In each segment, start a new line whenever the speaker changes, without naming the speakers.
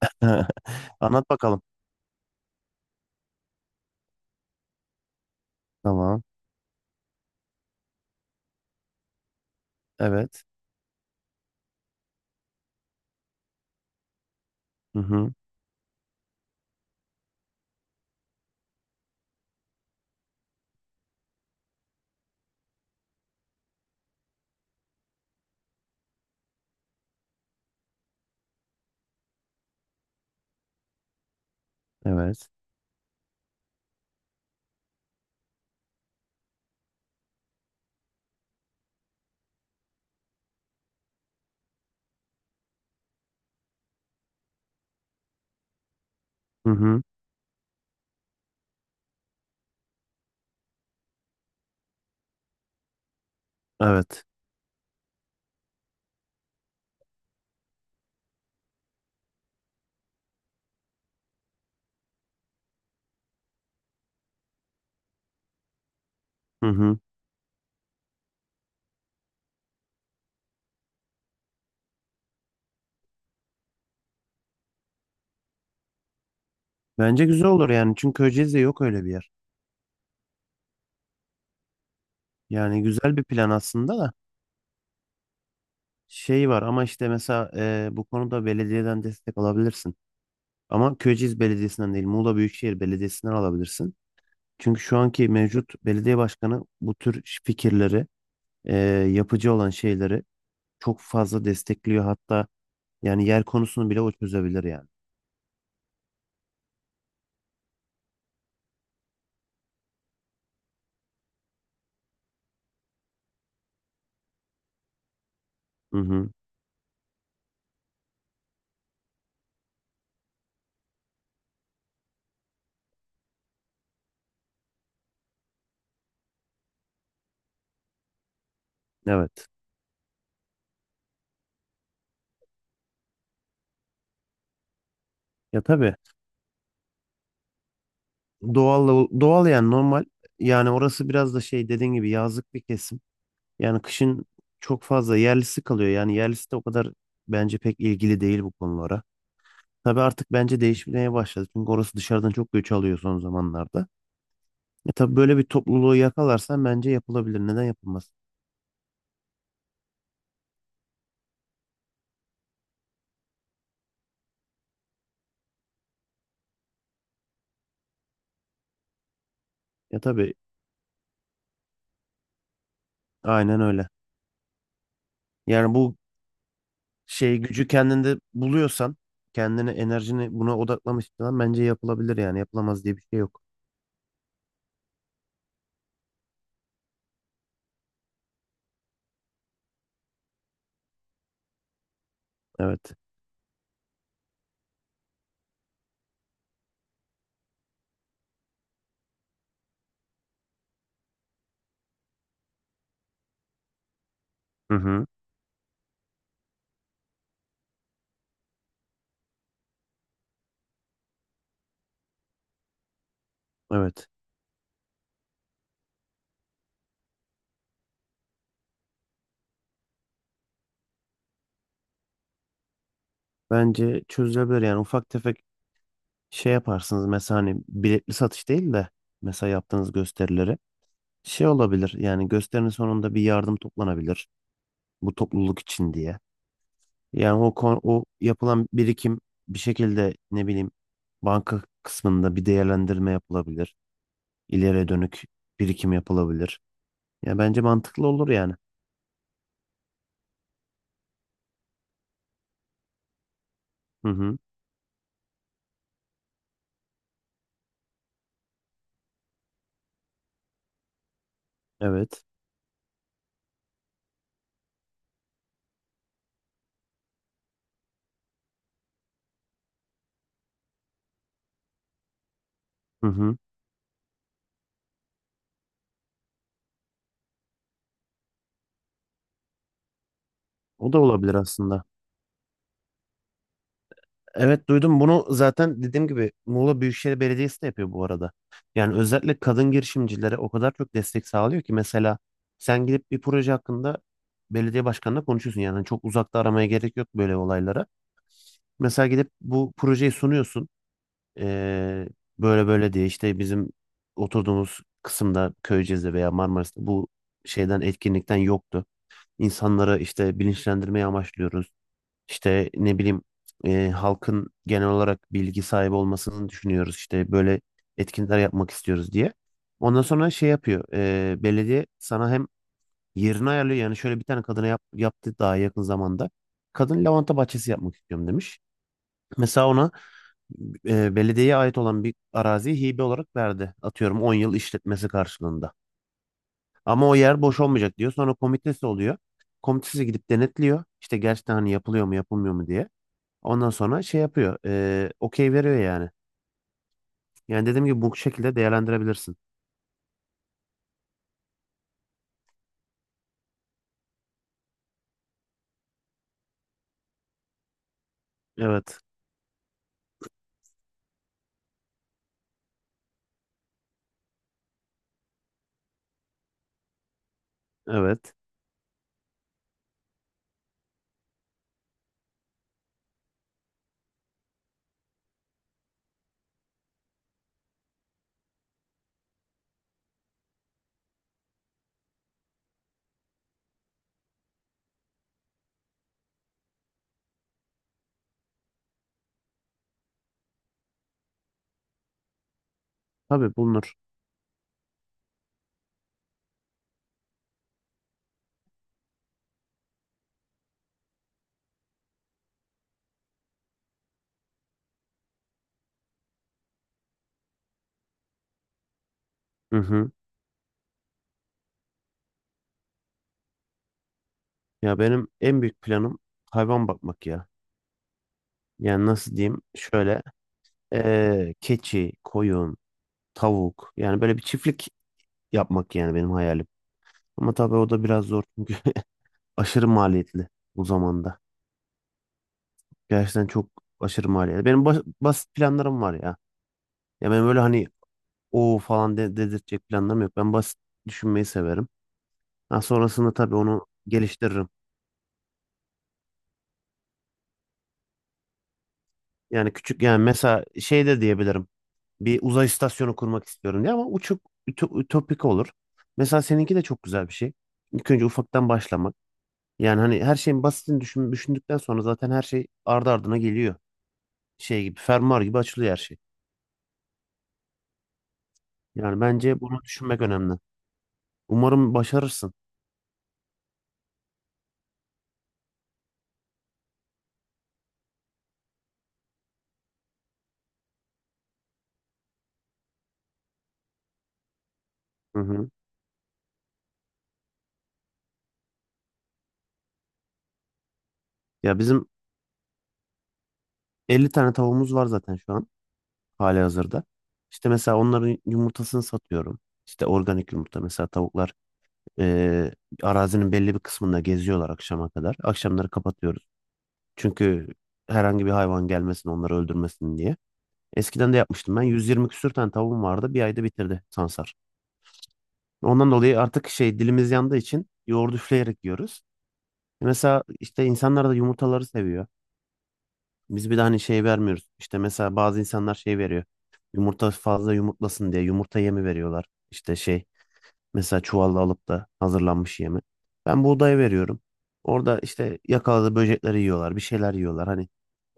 Anlat bakalım. Tamam. Evet. Hı hı. Evet. Hı hı. Evet. Hı hı. Bence güzel olur yani. Çünkü Köyceğiz'de yok öyle bir yer. Yani güzel bir plan aslında da şey var ama işte mesela bu konuda belediyeden destek alabilirsin. Ama Köyceğiz Belediyesi'nden değil, Muğla Büyükşehir Belediyesi'nden alabilirsin. Çünkü şu anki mevcut belediye başkanı bu tür fikirleri, e, yapıcı olan şeyleri çok fazla destekliyor. Hatta yani yer konusunu bile o çözebilir yani. Hı hı. Evet. Ya tabii. Doğal doğal yani normal. Yani orası biraz da şey dediğin gibi yazlık bir kesim. Yani kışın çok fazla yerlisi kalıyor. Yani yerlisi de o kadar bence pek ilgili değil bu konulara. Tabii artık bence değişmeye başladı. Çünkü orası dışarıdan çok göç alıyor son zamanlarda. Ya tabii böyle bir topluluğu yakalarsan bence yapılabilir. Neden yapılmaz? Ya tabii aynen öyle. Yani bu şey gücü kendinde buluyorsan, kendini enerjini buna odaklamışsan bence yapılabilir yani. Yapılamaz diye bir şey yok. Evet. Hı hı. Evet. Bence çözülebilir yani ufak tefek şey yaparsınız mesela hani biletli satış değil de mesela yaptığınız gösterileri şey olabilir yani gösterinin sonunda bir yardım toplanabilir bu topluluk için diye. Yani o yapılan birikim bir şekilde ne bileyim banka kısmında bir değerlendirme yapılabilir. İleriye dönük birikim yapılabilir. Ya bence mantıklı olur yani. Hı hı. Evet. Hı hı. O da olabilir aslında. Evet, duydum bunu zaten dediğim gibi Muğla Büyükşehir Belediyesi de yapıyor bu arada. Yani özellikle kadın girişimcilere o kadar çok destek sağlıyor ki mesela sen gidip bir proje hakkında belediye başkanına konuşuyorsun. Yani çok uzakta aramaya gerek yok böyle olaylara. Mesela gidip bu projeyi sunuyorsun. Ee, böyle böyle diye işte bizim oturduğumuz kısımda Köyceğiz'de veya Marmaris'te bu şeyden etkinlikten yoktu. İnsanları işte bilinçlendirmeye amaçlıyoruz. İşte ne bileyim halkın genel olarak bilgi sahibi olmasını düşünüyoruz. İşte böyle etkinlikler yapmak istiyoruz diye. Ondan sonra şey yapıyor. Belediye sana hem yerini ayarlıyor. Yani şöyle bir tane kadına yap, yaptı daha yakın zamanda. Kadın lavanta bahçesi yapmak istiyorum demiş. Mesela ona belediyeye ait olan bir araziyi hibe olarak verdi. Atıyorum 10 yıl işletmesi karşılığında. Ama o yer boş olmayacak diyor. Sonra komitesi oluyor. Komitesi gidip denetliyor. İşte gerçekten hani yapılıyor mu yapılmıyor mu diye. Ondan sonra şey yapıyor. Okey veriyor yani. Yani dediğim gibi bu şekilde değerlendirebilirsin. Evet. Evet. Tabii bulunur. Hı hı. Ya benim en büyük planım hayvan bakmak ya. Yani nasıl diyeyim? Şöyle keçi, koyun, tavuk. Yani böyle bir çiftlik yapmak yani benim hayalim. Ama tabii o da biraz zor çünkü aşırı maliyetli bu zamanda. Gerçekten çok aşırı maliyetli. Benim basit planlarım var ya. Ya ben böyle hani o falan de dedirtecek planlarım yok. Ben basit düşünmeyi severim. Ha, sonrasında tabii onu geliştiririm. Yani küçük yani mesela şey de diyebilirim. Bir uzay istasyonu kurmak istiyorum diye ama uçuk ütopik olur. Mesela seninki de çok güzel bir şey. İlk önce ufaktan başlamak. Yani hani her şeyin basitini düşün, düşündükten sonra zaten her şey ardı ardına geliyor. Şey gibi, fermuar gibi açılıyor her şey. Yani bence bunu düşünmek önemli. Umarım başarırsın. Hı hı. Ya bizim 50 tane tavuğumuz var zaten şu an halihazırda. İşte mesela onların yumurtasını satıyorum. İşte organik yumurta mesela tavuklar. Ee, Arazinin belli bir kısmında geziyorlar akşama kadar. Akşamları kapatıyoruz. Çünkü herhangi bir hayvan gelmesin, onları öldürmesin diye. Eskiden de yapmıştım ben. 120 küsür tane tavuğum vardı. Bir ayda bitirdi sansar. Ondan dolayı artık şey, dilimiz yandığı için yoğurdu üfleyerek yiyoruz. Mesela işte insanlar da yumurtaları seviyor. Biz bir de hani şey vermiyoruz. İşte mesela bazı insanlar şey veriyor. Yumurta fazla yumurtlasın diye yumurta yemi veriyorlar. İşte şey. Mesela çuvalla alıp da hazırlanmış yemi. Ben buğdaya veriyorum. Orada işte yakaladığı böcekleri yiyorlar, bir şeyler yiyorlar. Hani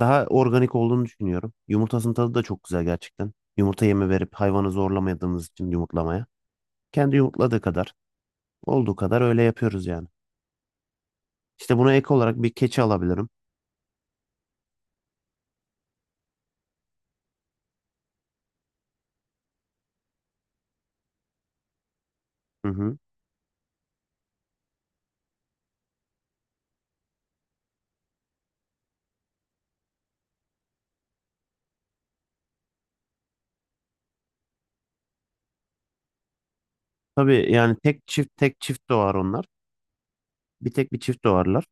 daha organik olduğunu düşünüyorum. Yumurtasının tadı da çok güzel gerçekten. Yumurta yemi verip hayvanı zorlamadığımız için yumurtlamaya. Kendi yumurtladığı kadar, olduğu kadar öyle yapıyoruz yani. İşte buna ek olarak bir keçi alabilirim. Hı hı. Tabii yani tek çift tek çift doğar onlar. Bir tek bir çift doğarlar.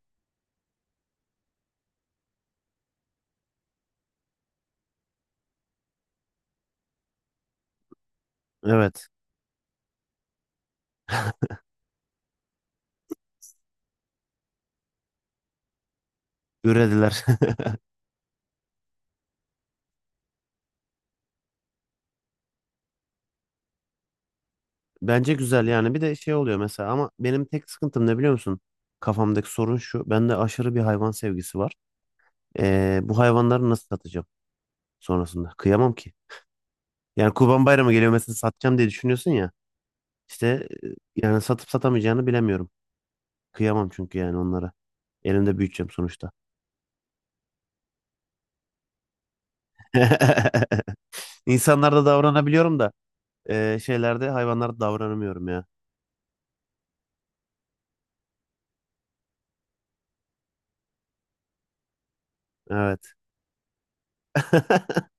Evet, ürediler. Bence güzel yani bir de şey oluyor mesela ama benim tek sıkıntım ne biliyor musun? Kafamdaki sorun şu. Bende aşırı bir hayvan sevgisi var. Bu hayvanları nasıl satacağım sonrasında? Kıyamam ki. Yani Kurban Bayramı geliyor mesela satacağım diye düşünüyorsun ya. İşte yani satıp satamayacağını bilemiyorum. Kıyamam çünkü yani onlara. Elimde büyüteceğim sonuçta. İnsanlarda davranabiliyorum da şeylerde hayvanlarda davranamıyorum ya. Evet.